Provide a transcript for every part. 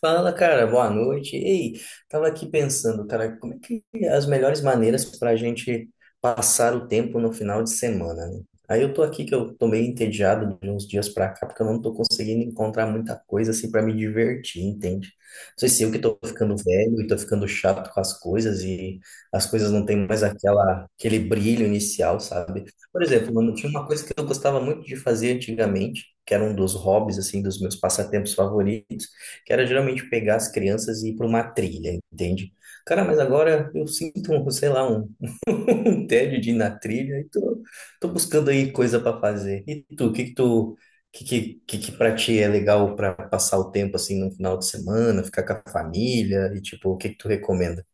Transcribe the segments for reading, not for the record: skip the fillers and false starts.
Fala, cara, boa noite. Ei, tava aqui pensando, cara, como é que as melhores maneiras para a gente passar o tempo no final de semana, né? Aí eu tô aqui que eu tô meio entediado de uns dias pra cá, porque eu não tô conseguindo encontrar muita coisa assim para me divertir, entende? Não sei se eu que tô ficando velho e tô ficando chato com as coisas e as coisas não têm mais aquela aquele brilho inicial, sabe? Por exemplo, mano, tinha uma coisa que eu gostava muito de fazer antigamente, que era um dos hobbies assim dos meus passatempos favoritos que era geralmente pegar as crianças e ir para uma trilha, entende? Cara, mas agora eu sinto, sei lá, um tédio de ir na trilha e tô buscando aí coisa para fazer. E tu, o que que tu, que para ti é legal para passar o tempo assim no final de semana, ficar com a família e tipo, o que que tu recomenda?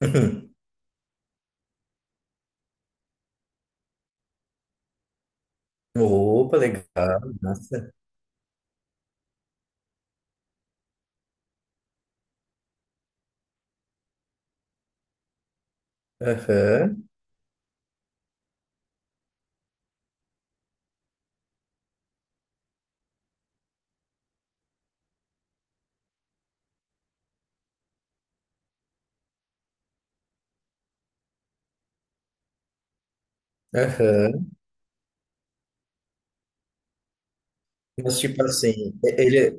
Opa, legal, massa. Aham, aham. Mas tipo assim. É, ele, é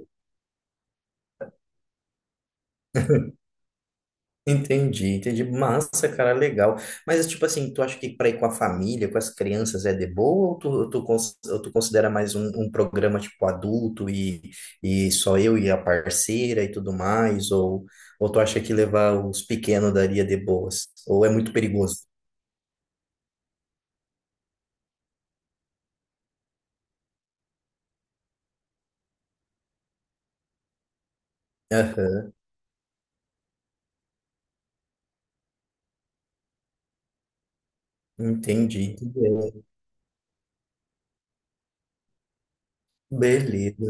Entendi, entendi. Massa, cara, legal. Mas, tipo assim, tu acha que para ir com a família, com as crianças é de boa ou ou tu considera mais um programa, tipo, adulto e só eu e a parceira e tudo mais? Ou tu acha que levar os pequenos daria de boas? Ou é muito perigoso? Aham, entendi. Entendi. Beleza.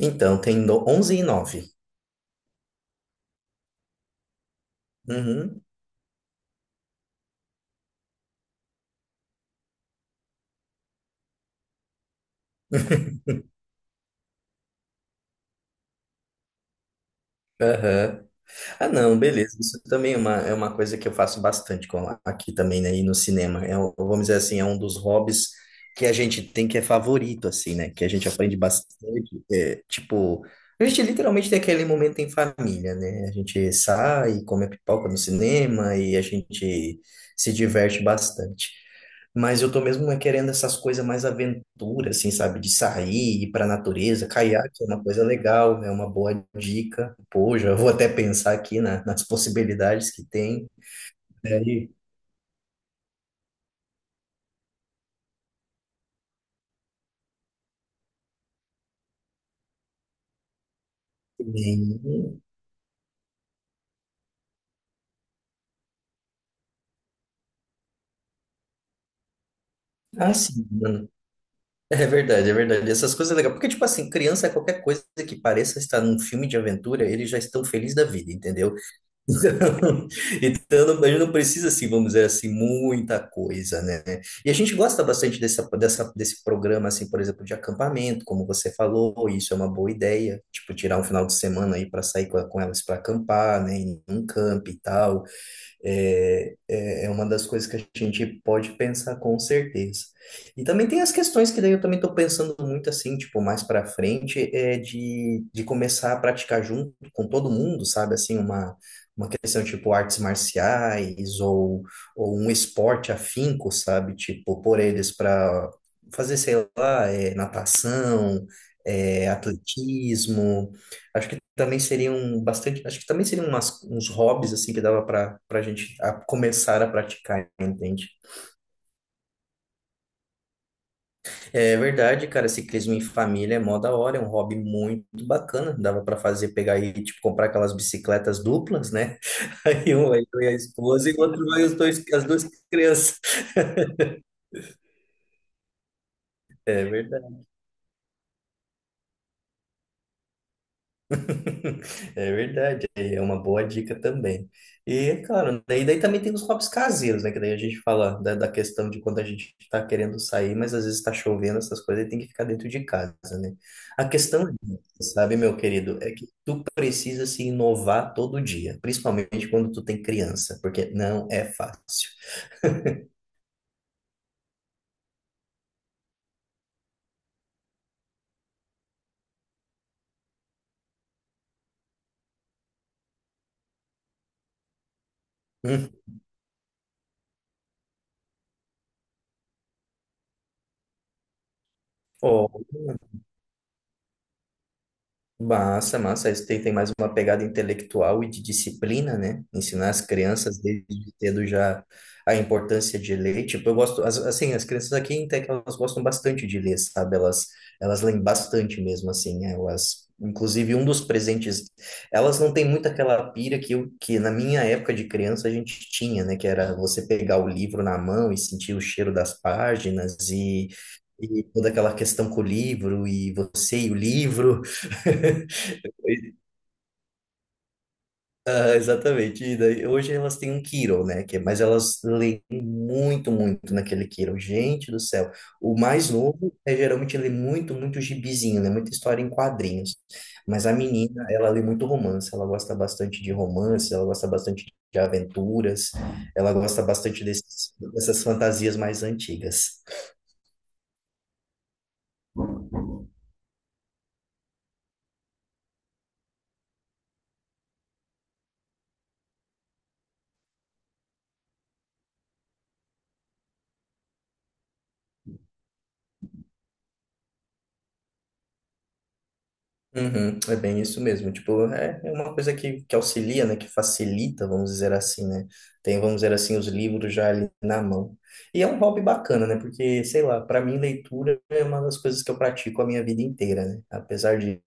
Então, tem 11 e nove. Uhum. Aham. Ah, não, beleza. Isso também é uma coisa que eu faço bastante com aqui também, né? E no cinema. Vamos dizer assim, é um dos hobbies que a gente tem que é favorito, assim, né? Que a gente aprende bastante. Tipo, a gente literalmente tem aquele momento em família, né? A gente sai, come a pipoca no cinema e a gente se diverte bastante. Mas eu tô mesmo é querendo essas coisas mais aventura, assim, sabe? De sair, ir pra natureza. Caiaque é uma coisa legal, é uma boa dica. Pô, já vou até pensar aqui nas possibilidades que tem. Daí, nem- Ah, sim, mano. É verdade, é verdade. Essas coisas legais. Porque, tipo assim, criança, qualquer coisa que pareça estar num filme de aventura, eles já estão felizes da vida, entendeu? Então, então, a gente não precisa, assim, vamos dizer assim, muita coisa, né? E a gente gosta bastante desse programa, assim, por exemplo, de acampamento, como você falou, isso é uma boa ideia, tipo, tirar um final de semana aí para sair com elas para acampar, né? Em um camping e tal, é uma das coisas que a gente pode pensar com certeza. E também tem as questões que daí eu também estou pensando muito assim, tipo, mais para frente, é de começar a praticar junto com todo mundo, sabe? Assim, uma questão tipo artes marciais ou um esporte afinco, sabe? Tipo, pôr eles para fazer, sei lá, natação, atletismo. Acho que também seriam bastante, acho que também seriam umas, uns hobbies assim que dava para a gente começar a praticar, entende? É verdade, cara, ciclismo em família é mó da hora, é um hobby muito bacana, dava para fazer, pegar e tipo comprar aquelas bicicletas duplas, né? Aí um vai eu e a esposa e o outro vai os dois, as duas crianças. É verdade. É verdade, é uma boa dica também. E, claro, daí também tem os hobbies caseiros, né? Que daí a gente fala da questão de quando a gente tá querendo sair, mas às vezes tá chovendo, essas coisas, e tem que ficar dentro de casa, né? A questão, sabe, meu querido, é que tu precisa se inovar todo dia, principalmente quando tu tem criança, porque não é fácil. Hum. Massa, massa. Isso tem mais uma pegada intelectual e de disciplina, né? Ensinar as crianças desde cedo já a importância de ler. Tipo, eu gosto, assim, as crianças aqui em Tec, elas gostam bastante de ler, sabe? Elas leem bastante mesmo, assim. Elas, inclusive, um dos presentes, elas não têm muito aquela pira que na minha época de criança a gente tinha, né? Que era você pegar o livro na mão e sentir o cheiro das páginas e. E toda aquela questão com o livro, e você e o livro. Ah, exatamente. E daí, hoje elas têm um Kiro, né? Mas elas leem muito, muito naquele Kiro. Gente do céu. O mais novo geralmente lê muito, muito gibizinho, né? Muita história em quadrinhos. Mas a menina, ela lê muito romance. Ela gosta bastante de romance, ela gosta bastante de aventuras, ela gosta bastante dessas fantasias mais antigas. Uhum, é bem isso mesmo. Tipo, é uma coisa que auxilia, né? Que facilita, vamos dizer assim, né? Tem, vamos dizer assim, os livros já ali na mão. E é um hobby bacana, né? Porque, sei lá, para mim, leitura é uma das coisas que eu pratico a minha vida inteira, né? Apesar de,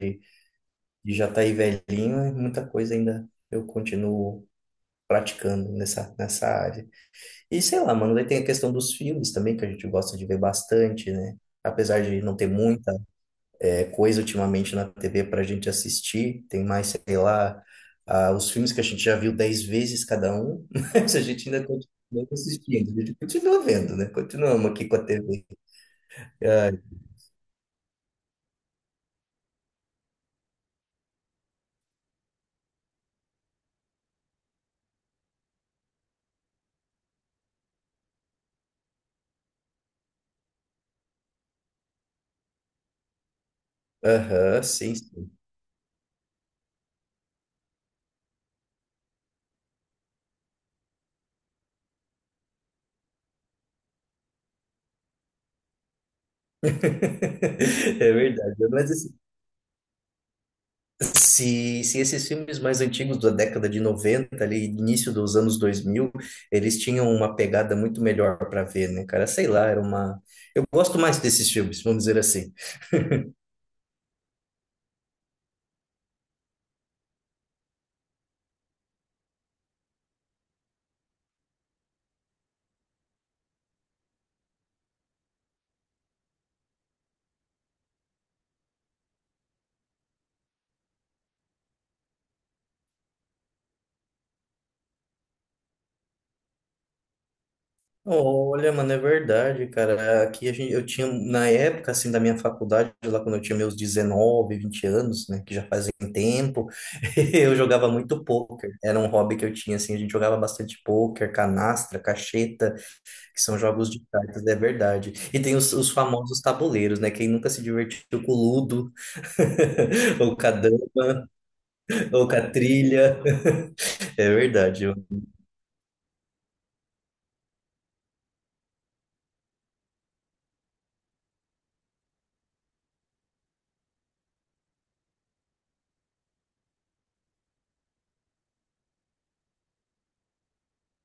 de já estar aí velhinho, é muita coisa ainda eu continuo praticando nessa área. E, sei lá, mano, daí tem a questão dos filmes também, que a gente gosta de ver bastante, né? Apesar de não ter muita coisa ultimamente na TV para a gente assistir. Tem mais, sei lá, ah, os filmes que a gente já viu 10 vezes cada um, mas a gente ainda continua assistindo, a gente continua vendo, né? Continuamos aqui com a TV. Ah, aham, sim, sim. É verdade. Mas assim, se esses filmes mais antigos da década de 90 ali, início dos anos 2000 eles tinham uma pegada muito melhor para ver, né, cara? Sei lá, era uma. Eu gosto mais desses filmes, vamos dizer assim. Olha, mano, é verdade, cara. Aqui a gente, eu tinha, na época, assim, da minha faculdade, lá quando eu tinha meus 19, 20 anos, né, que já fazem tempo, eu jogava muito pôquer. Era um hobby que eu tinha, assim, a gente jogava bastante pôquer, canastra, cacheta, que são jogos de cartas, é verdade. E tem os famosos tabuleiros, né? Quem nunca se divertiu com o Ludo, ou com a dama, ou com a trilha. É verdade.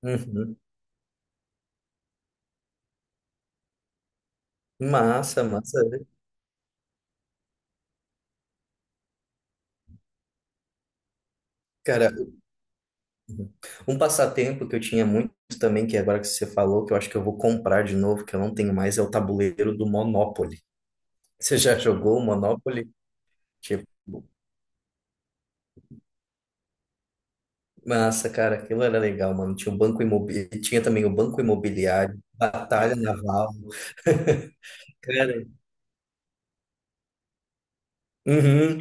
Uhum. Massa, massa. Né? Cara, um passatempo que eu tinha muito também, que é agora que você falou, que eu acho que eu vou comprar de novo, que eu não tenho mais, é o tabuleiro do Monopoly. Você já jogou o Monopoly? Tipo, massa, cara, aquilo era legal, mano. Tinha também o banco imobiliário, batalha naval. Cara, uhum,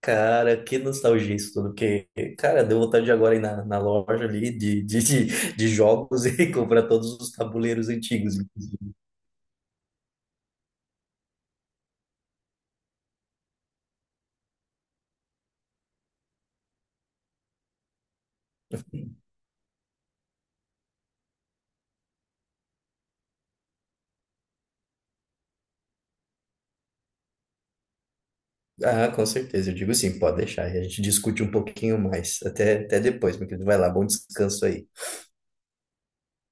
cara, que nostalgia isso tudo, porque, cara, deu vontade de agora ir na loja ali de jogos e comprar todos os tabuleiros antigos. Ah, com certeza. Eu digo sim, pode deixar. E a gente discute um pouquinho mais. Até depois, meu querido. Vai lá, bom descanso aí.